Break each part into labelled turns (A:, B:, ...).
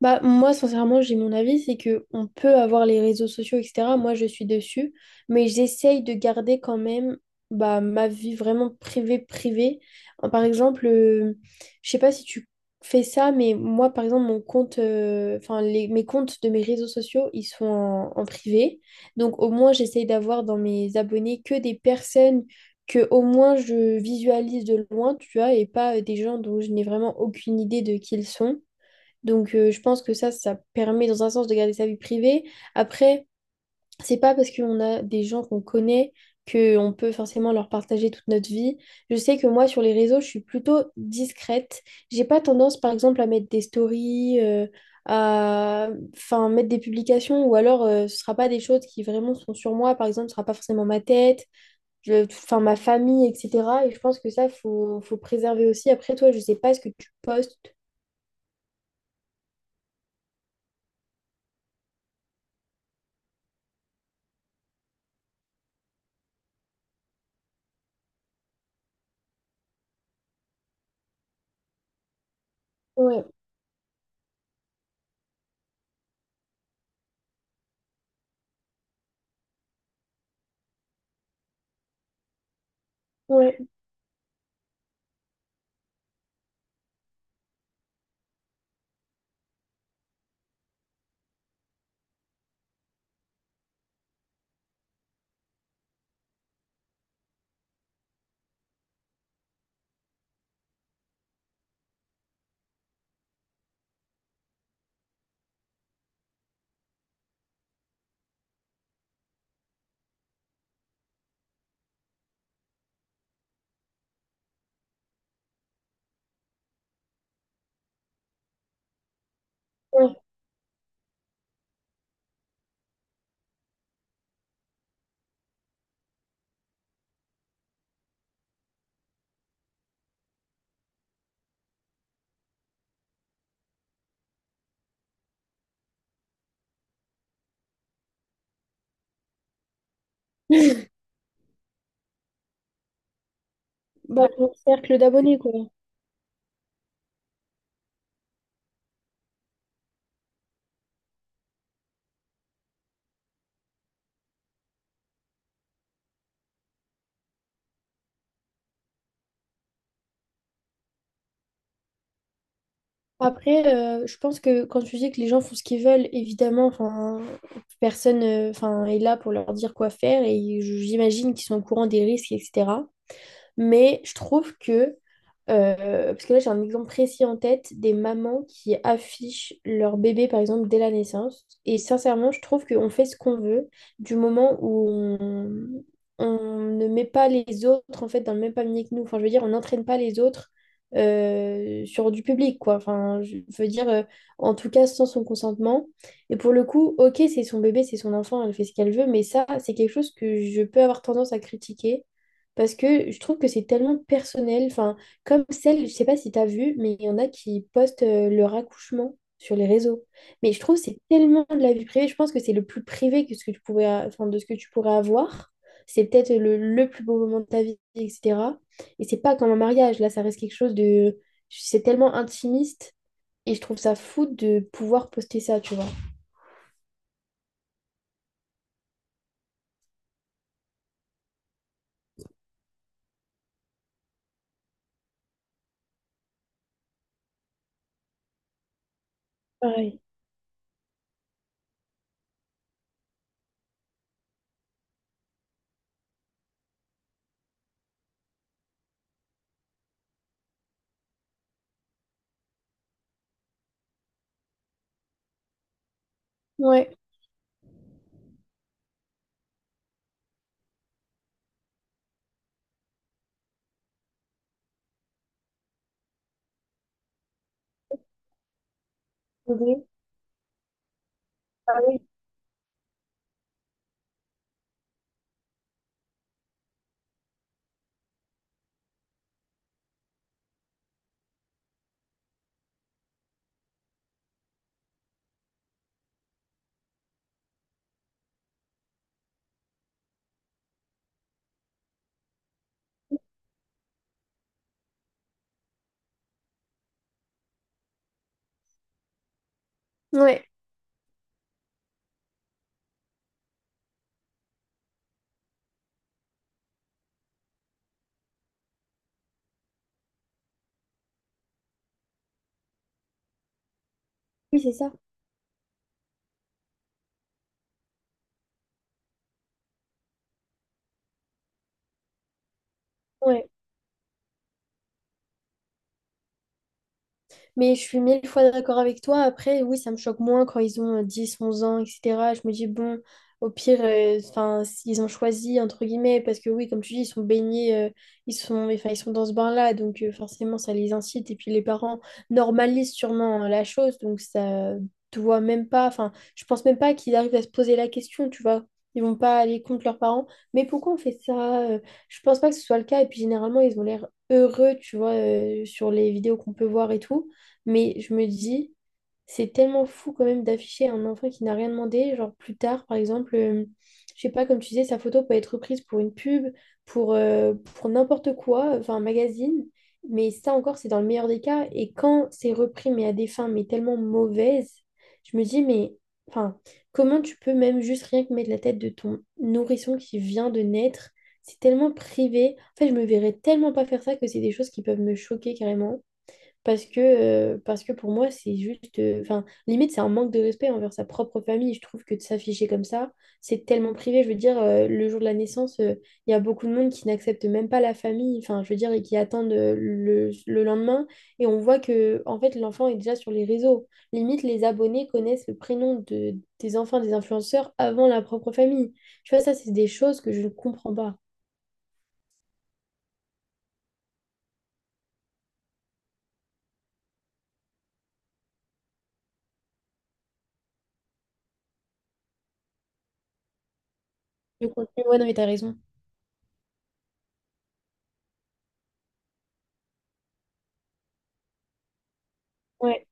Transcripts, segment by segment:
A: Bah, moi, sincèrement, j'ai mon avis, c'est que on peut avoir les réseaux sociaux, etc. Moi, je suis dessus, mais j'essaye de garder quand même bah, ma vie vraiment privée, privée. Par exemple, je sais pas si tu fais ça, mais moi, par exemple, mon compte, enfin, mes comptes de mes réseaux sociaux, ils sont en privé. Donc, au moins, j'essaye d'avoir dans mes abonnés que des personnes que au moins je visualise de loin, tu vois, et pas des gens dont je n'ai vraiment aucune idée de qui ils sont. Donc, je pense que ça permet dans un sens de garder sa vie privée. Après, c'est pas parce qu'on a des gens qu'on connaît qu'on peut forcément leur partager toute notre vie. Je sais que moi, sur les réseaux, je suis plutôt discrète. J'ai pas tendance, par exemple, à mettre des stories, à enfin, mettre des publications, ou alors ce sera pas des choses qui vraiment sont sur moi. Par exemple, ce sera pas forcément ma tête, enfin, ma famille, etc. Et je pense que ça, faut préserver aussi. Après, toi, je sais pas ce que tu postes. Ouais, ouais, ouais. Bah, mon cercle d'abonnés, quoi. Après, je pense que quand tu dis que les gens font ce qu'ils veulent, évidemment, enfin, personne, enfin, est là pour leur dire quoi faire et j'imagine qu'ils sont au courant des risques, etc. Mais je trouve que parce que là, j'ai un exemple précis en tête des mamans qui affichent leur bébé, par exemple, dès la naissance. Et sincèrement, je trouve qu'on fait ce qu'on veut du moment où on ne met pas les autres, en fait, dans le même panier que nous. Enfin, je veux dire, on n'entraîne pas les autres sur du public, quoi. Enfin, je veux dire, en tout cas, sans son consentement. Et pour le coup, ok, c'est son bébé, c'est son enfant, elle fait ce qu'elle veut, mais ça, c'est quelque chose que je peux avoir tendance à critiquer parce que je trouve que c'est tellement personnel. Enfin, comme celle, je sais pas si tu as vu, mais il y en a qui postent leur accouchement sur les réseaux. Mais je trouve que c'est tellement de la vie privée. Je pense que c'est le plus privé que ce que tu pourrais, enfin, de ce que tu pourrais avoir. C'est peut-être le plus beau moment de ta vie, etc. Et c'est pas comme un mariage. Là, ça reste quelque chose de... C'est tellement intimiste. Et je trouve ça fou de pouvoir poster ça, tu vois. Pareil. Ouais. Ouais. Ah oui. Ouais. Oui, c'est ça. Ouais. Mais je suis 1000 fois d'accord avec toi. Après, oui, ça me choque moins quand ils ont 10, 11 ans, etc. Je me dis, bon, au pire, enfin, ils ont choisi, entre guillemets, parce que oui, comme tu dis, ils sont baignés, ils sont, enfin, ils sont dans ce bain-là, donc forcément, ça les incite. Et puis les parents normalisent sûrement la chose, donc ça doit même pas, enfin, je pense même pas qu'ils arrivent à se poser la question, tu vois. Ils vont pas aller contre leurs parents. Mais pourquoi on fait ça? Je pense pas que ce soit le cas. Et puis généralement, ils ont l'air heureux, tu vois, sur les vidéos qu'on peut voir et tout. Mais je me dis, c'est tellement fou quand même d'afficher un enfant qui n'a rien demandé. Genre plus tard, par exemple, je sais pas, comme tu disais, sa photo peut être reprise pour une pub, pour n'importe quoi, enfin un magazine. Mais ça encore, c'est dans le meilleur des cas. Et quand c'est repris, mais à des fins, mais tellement mauvaises, je me dis, mais enfin, comment tu peux même juste rien que mettre la tête de ton nourrisson qui vient de naître? C'est tellement privé. En fait, je me verrais tellement pas faire ça que c'est des choses qui peuvent me choquer carrément. Parce que pour moi, c'est juste. Enfin, limite, c'est un manque de respect envers sa propre famille. Je trouve que de s'afficher comme ça, c'est tellement privé. Je veux dire, le jour de la naissance, il y a beaucoup de monde qui n'accepte même pas la famille. Enfin, je veux dire, et qui attendent le lendemain. Et on voit que, en fait, l'enfant est déjà sur les réseaux. Limite, les abonnés connaissent le prénom des enfants des influenceurs avant la propre famille. Tu vois, ça, c'est des choses que je ne comprends pas. Le contenu, ouais, non, mais t'as raison. Ouais.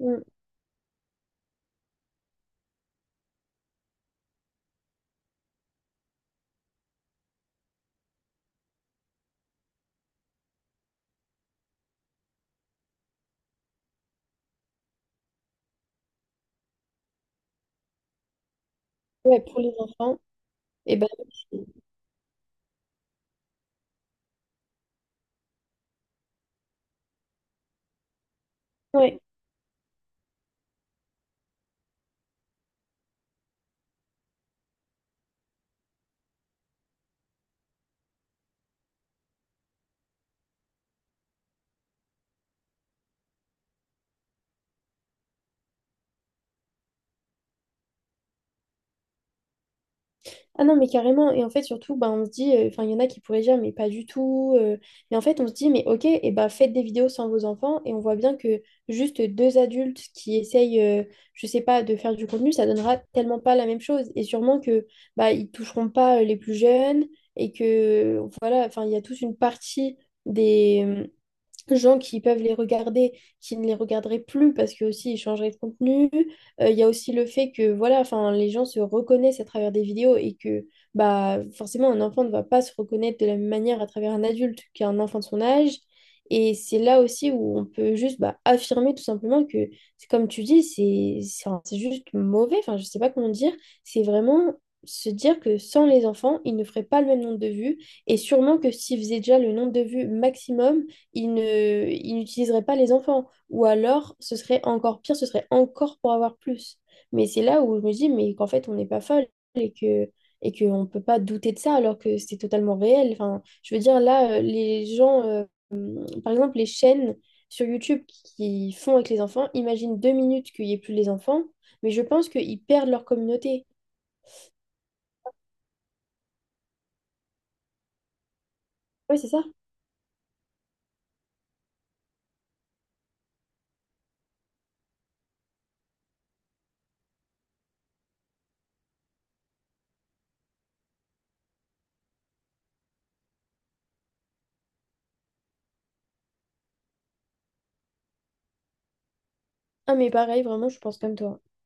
A: Mm. Ouais, pour les enfants. Et ben, ouais. Ah non, mais carrément. Et en fait, surtout, bah, on se dit, enfin, il y en a qui pourraient dire, mais pas du tout. Mais en fait, on se dit, mais ok, et bah, faites des vidéos sans vos enfants. Et on voit bien que juste deux adultes qui essayent, je sais pas, de faire du contenu, ça donnera tellement pas la même chose. Et sûrement que bah, ils toucheront pas les plus jeunes. Et que, voilà, enfin, il y a toute une partie des gens qui peuvent les regarder, qui ne les regarderaient plus parce que aussi ils changeraient de contenu. Il y a aussi le fait que voilà, enfin les gens se reconnaissent à travers des vidéos et que bah forcément un enfant ne va pas se reconnaître de la même manière à travers un adulte qu'un enfant de son âge. Et c'est là aussi où on peut juste bah, affirmer tout simplement que, c'est comme tu dis, c'est enfin, c'est juste mauvais, enfin je sais pas comment dire, c'est vraiment se dire que sans les enfants, ils ne feraient pas le même nombre de vues, et sûrement que s'ils faisaient déjà le nombre de vues maximum, ils n'utiliseraient pas les enfants. Ou alors, ce serait encore pire, ce serait encore pour avoir plus. Mais c'est là où je me dis, mais qu'en fait, on n'est pas folle et que et qu'on ne peut pas douter de ça alors que c'est totalement réel. Enfin, je veux dire, là, les gens, par exemple, les chaînes sur YouTube qui font avec les enfants, imagine 2 minutes qu'il n'y ait plus les enfants, mais je pense qu'ils perdent leur communauté. Ouais, c'est ça. Ah, mais pareil, vraiment, je pense comme toi.